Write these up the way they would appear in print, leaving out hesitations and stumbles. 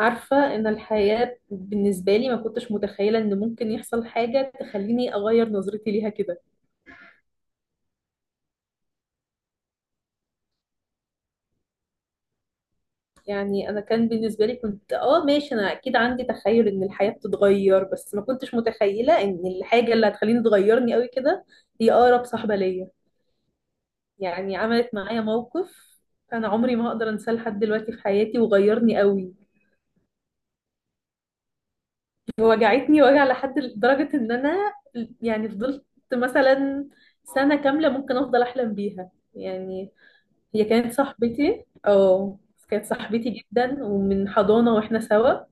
عارفة إن الحياة بالنسبة لي ما كنتش متخيلة إن ممكن يحصل حاجة تخليني أغير نظرتي ليها كده. يعني أنا كان بالنسبة لي كنت ماشي، أنا أكيد عندي تخيل إن الحياة بتتغير، بس ما كنتش متخيلة إن الحاجة اللي هتخليني تغيرني قوي كده. هي أقرب صاحبة ليا. يعني عملت معايا موقف أنا عمري ما هقدر أنساه لحد دلوقتي في حياتي، وغيرني قوي. وجعتني وجع لدرجة إن أنا يعني فضلت مثلا سنة كاملة ممكن أفضل أحلم بيها يعني. هي كانت صاحبتي، كانت صاحبتي جدا، ومن حضانة واحنا سوا.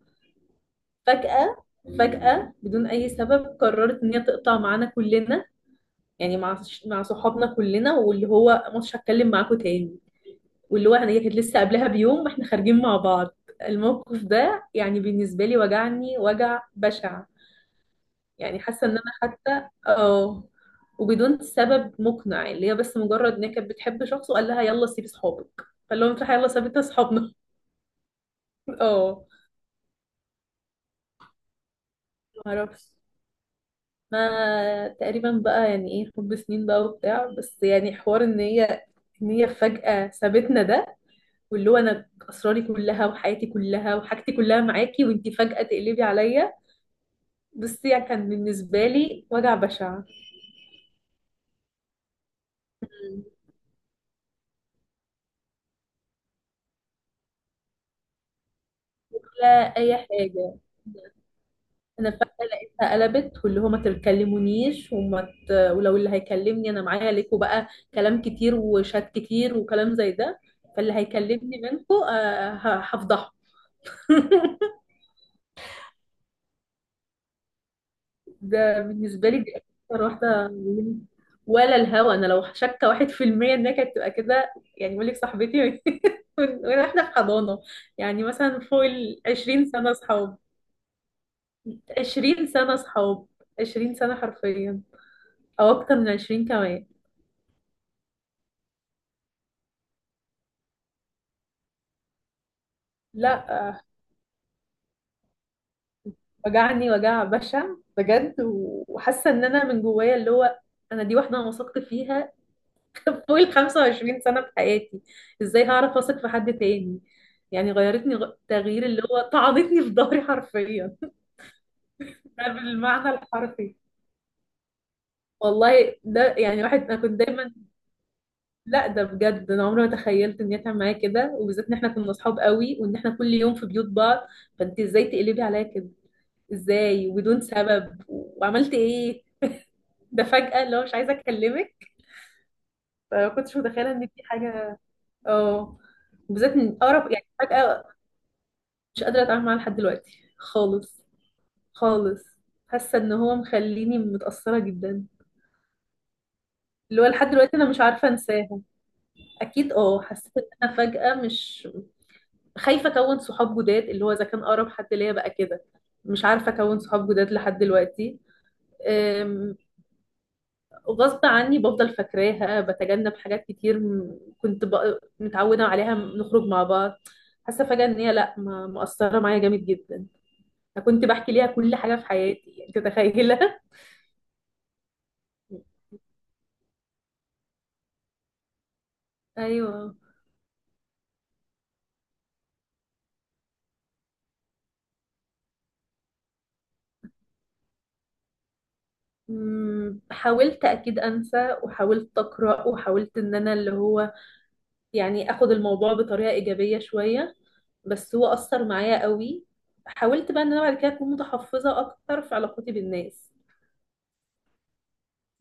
فجأة مم. فجأة بدون أي سبب قررت إن هي تقطع معانا كلنا، يعني مع صحابنا كلنا، واللي هو مش هتكلم معاكوا تاني. واللي هو هي كانت لسه قبلها بيوم واحنا خارجين مع بعض. الموقف ده يعني بالنسبة لي وجعني وجع بشع. يعني حاسة إن أنا حتى وبدون سبب مقنع، اللي هي بس مجرد إن هي كانت بتحب شخص وقال لها يلا سيبي صحابك، فاللي هو يلا سابت صحابنا. اه، معرفش. ما تقريبا بقى يعني ايه، حب سنين بقى وبتاع، بس يعني حوار ان هي فجأة سابتنا ده. واللي هو انا اسراري كلها وحياتي كلها وحاجتي كلها معاكي، وانتي فجأة تقلبي عليا. بس يعني كان بالنسبة لي وجع بشع. مم. ولا اي حاجة. انا فجأة لقيتها قلبت، واللي هو ما تكلمونيش ولو اللي هيكلمني انا معايا ليكوا بقى كلام كتير وشات كتير وكلام زي ده. فاللي هيكلمني منكوا هفضحه. ده بالنسبة لي دي اكتر واحدة ولا الهوا، انا لو شاكة واحد في المية انها كانت تبقى كده. يعني بقول لك صاحبتي. احنا في حضانة، يعني مثلا فوق ال 20 سنة صحاب، 20 سنة صحاب، 20 سنة حرفيا، او اكتر من 20 كمان. لا آه، وجعني وجع بشع بجد، و- وحاسه ان انا من جوايا اللي هو، انا دي واحده انا وثقت فيها فوق ال 25 سنه في حياتي. ازاي هعرف اثق في حد تاني؟ يعني غيرتني تغيير، اللي هو طعنتني في ظهري حرفيا. ده بالمعنى الحرفي. والله، ده يعني واحد انا كنت دايما. لا ده بجد، انا عمري ما تخيلت ان يتعب معايا كده، وبالذات ان احنا كنا اصحاب قوي وان احنا كل يوم في بيوت بعض. فانت ازاي تقلبي عليا كده؟ ازاي وبدون سبب وعملت ايه؟ ده فجأة اللي هو مش عايزة أكلمك. فما كنتش متخيلة إن في حاجة. اه، بالذات من أقرب يعني فجأة. مش قادرة أتعامل معاه لحد دلوقتي خالص، خالص. حاسة إن هو مخليني متأثرة جدا. اللي هو لحد دلوقتي أنا مش عارفة أنساه. أكيد حسيت إن أنا فجأة مش خايفة أكون صحاب جداد، اللي هو إذا كان أقرب حد ليا بقى كده، مش عارفة أكون صحاب جداد لحد دلوقتي. أم، غصب عني بفضل فاكراها، بتجنب حاجات كتير كنت متعودة عليها، نخرج مع بعض. حاسة فجأة ان هي لا ما- مؤثرة معايا جامد جدا. انا كنت بحكي ليها كل حاجة في حياتي يعني تتخيلها. ايوه حاولت اكيد انسى، وحاولت اقرا، وحاولت ان انا اللي هو يعني اخد الموضوع بطريقه ايجابيه شويه، بس هو اثر معايا قوي. حاولت بقى ان انا بعد كده اكون متحفظه اكتر في علاقتي بالناس.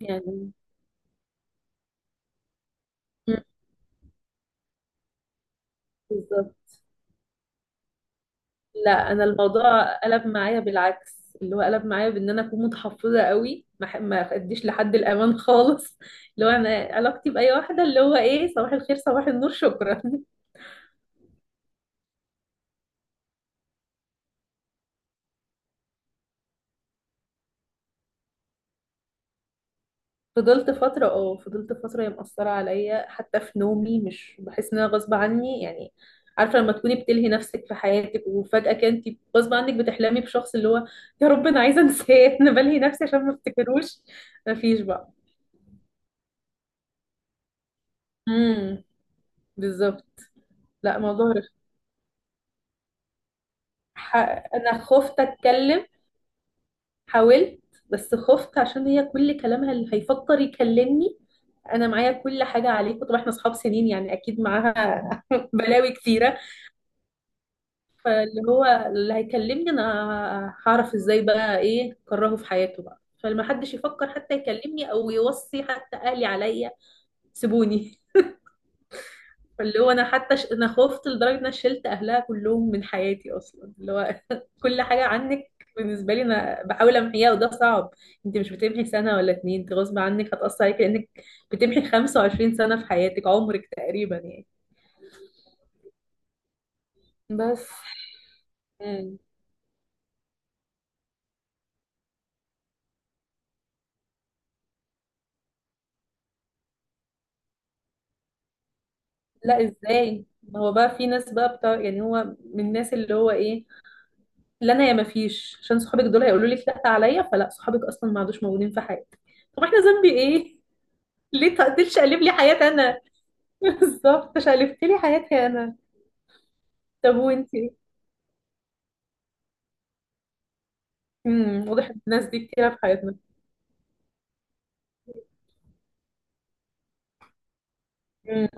يعني أمم، بالظبط. لا، انا الموضوع قلب معايا بالعكس، اللي هو قلب معايا بان انا اكون متحفظه قوي، ما اديش لحد الامان خالص. اللي هو انا علاقتي باي واحده اللي هو ايه، صباح الخير صباح النور شكرا. فضلت فتره هي مأثره عليا، حتى في نومي مش بحس ان انا غصب عني يعني. عارفه لما تكوني بتلهي نفسك في حياتك وفجاه كنتي غصب عنك بتحلمي بشخص، اللي هو يا رب انا عايزه انساه. انا بلهي نفسي عشان ما افتكروش. مفيش بقى. امم بالظبط. لا موضوع ح... انا خفت اتكلم. حاولت، بس خفت عشان هي كل كلامها اللي هيفكر يكلمني انا معايا كل حاجه عليك، طبعا احنا اصحاب سنين يعني اكيد معاها بلاوي كتيره. فاللي هو اللي هيكلمني انا، هعرف ازاي بقى ايه كرهه في حياته بقى، فلما حدش يفكر حتى يكلمني او يوصي حتى اهلي عليا. سيبوني. اللي هو انا حتى انا خفت لدرجه ان انا شلت اهلها كلهم من حياتي اصلا، اللي هو كل حاجه عنك. بالنسبه لي انا بحاول امحيها، وده صعب. انت مش بتمحي سنه ولا اتنين، انت غصب عنك هتاثر عليك لانك بتمحي 25 سنه في حياتك، عمرك تقريبا يعني. بس مم. لا، ازاي؟ هو بقى في ناس بقى بتاع يعني هو من الناس اللي هو ايه. لا انا يا ما فيش، عشان صحابك دول هيقولوا لك لا عليا، فلا صحابك اصلا ما عادوش موجودين في حياتك. طب احنا ذنبي ايه؟ ليه تقتلش قلب لي حياتي انا، بالظبط شقلبت لي حياتي انا. طب وانتي. واضح ان الناس دي كتيره في حياتنا. امم.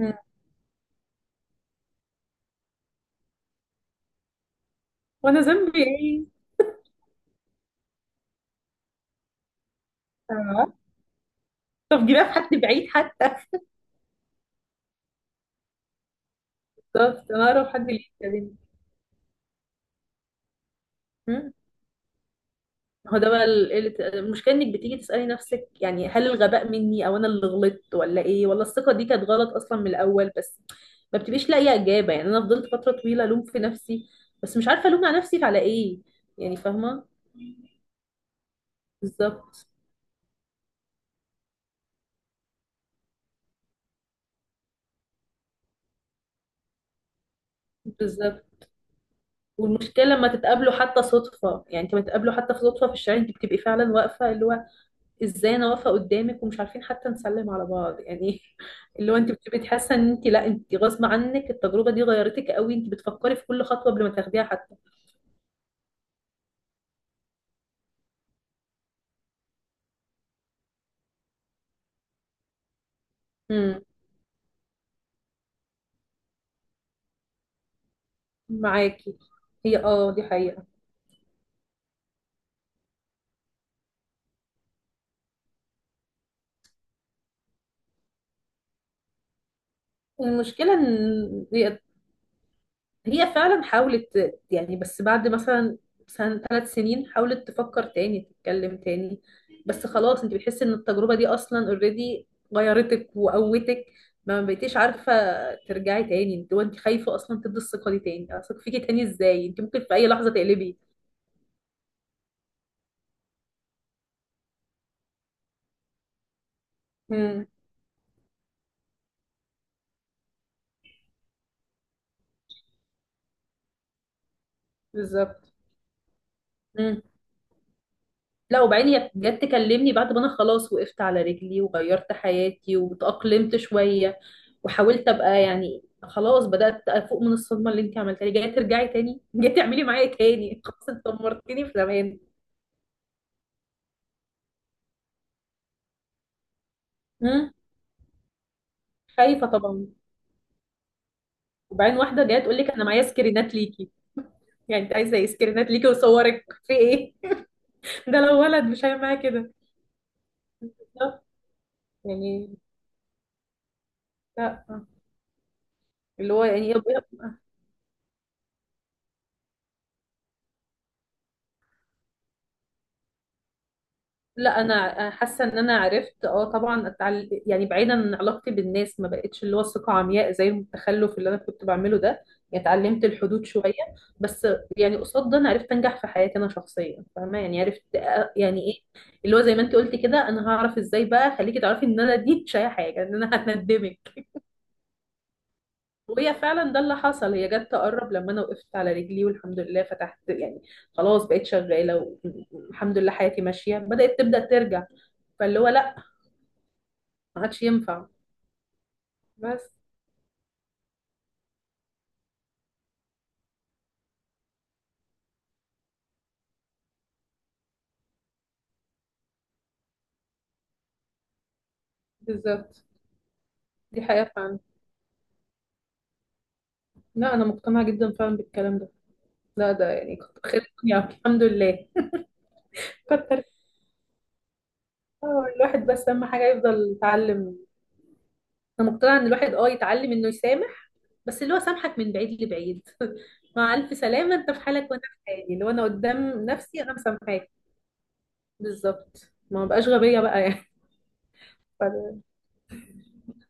أمم. وانا ذنبي ايه؟ آه. طب جيبها في حد بعيد حتى. بالظبط، انا اقرب حد ليك يا بنتي. أمم. هو ده بقى المشكله، انك بتيجي تسالي نفسك، يعني هل الغباء مني، او انا اللي غلطت ولا ايه، ولا الثقه دي كانت غلط اصلا من الاول. بس ما بتبقيش لاقيه اجابه، يعني انا فضلت فتره طويله الوم في نفسي، بس مش عارفه الوم على نفسي على ايه. يعني فاهمه. بالظبط، بالظبط. والمشكله لما تتقابلوا حتى صدفه، يعني انت بتقابلوا حتى في صدفه في الشارع، انت بتبقي فعلا واقفه اللي هو ازاي انا واقفه قدامك ومش عارفين حتى نسلم على بعض يعني. اللي هو انت بتبقي حاسه ان انت لا، انت غصب عنك التجربه دي غيرتك قوي، انت بتفكري في كل خطوه قبل ما تاخديها حتى. امم معاكي. هي دي حقيقه. المشكله ان هي فعلا حاولت يعني، بس بعد مثلا سنة ثلاث سنين حاولت تفكر تاني تتكلم تاني، بس خلاص انت بتحسي ان التجربة دي اصلا اوريدي غيرتك وقوتك. ما بقيتيش عارفة ترجعي تاني، انت وانت خايفة اصلا تدي الثقة دي تاني، اثق فيكي تاني ازاي، انت ممكن في اي لحظة تقلبي. مم. بالظبط. لا، وبعدين هي جت تكلمني بعد ما انا خلاص وقفت على رجلي وغيرت حياتي وتأقلمت شوية، وحاولت ابقى يعني خلاص بدأت افوق من الصدمة اللي انت عملتها لي. جاية ترجعي تاني جاية تعملي معايا تاني خلاص انت دمرتني في زمان. مم. خايفة طبعا. وبعدين واحدة جاية تقول لك انا معايا سكرينات ليكي. يعني انت عايزة ايه، سكرينات ليكي وصورك في ايه؟ ده لو ولد مش هيعمل معايا كده. لا، يعني لا. اللي هو يعني لا، انا حاسه ان انا عرفت طبعا يعني بعيدا عن علاقتي بالناس ما بقتش اللي هو الثقه عمياء زي التخلف اللي انا كنت بعمله ده، يعني اتعلمت الحدود شويه. بس يعني قصاد ده انا عرفت انجح في حياتي انا شخصيا فاهمه، يعني عرفت يعني ايه. اللي هو زي ما انت قلتي كده، انا هعرف ازاي بقى خليكي تعرفي ان انا دي مش اي حاجه، ان انا هندمك. وهي فعلا ده اللي حصل، هي جت تقرب لما انا وقفت على رجلي والحمد لله، فتحت يعني خلاص، بقيت شغاله، والحمد لله حياتي ماشيه، تبدا ترجع. فاللي هو لا، ما عادش ينفع. بس بالظبط. دي حقيقة فعلا. لا، أنا مقتنعة جدا فعلا بالكلام ده. لا، ده يعني كتر خير الدنيا الحمد لله. كتر آه، الواحد بس أهم حاجة يفضل يتعلم. أنا مقتنعة إن الواحد يتعلم إنه يسامح، بس اللي هو سامحك من بعيد لبعيد. مع ألف سلامة، أنت في حالك وأنا في حالي، اللي هو أنا قدام نفسي أنا مسامحاك. بالظبط، ما بقاش غبية بقى يعني. فأنا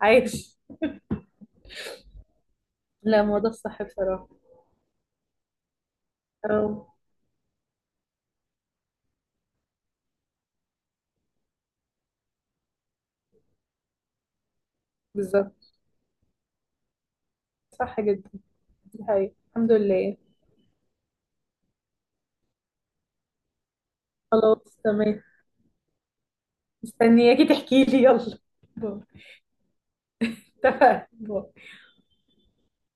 عايش. لا، ما هو ده الصح بصراحة. أه. بالظبط، صح جدا. دي حقيقة الحمد لله. خلاص تمام. مستنياكي تحكي لي، يلا. باي. اتفقنا باي.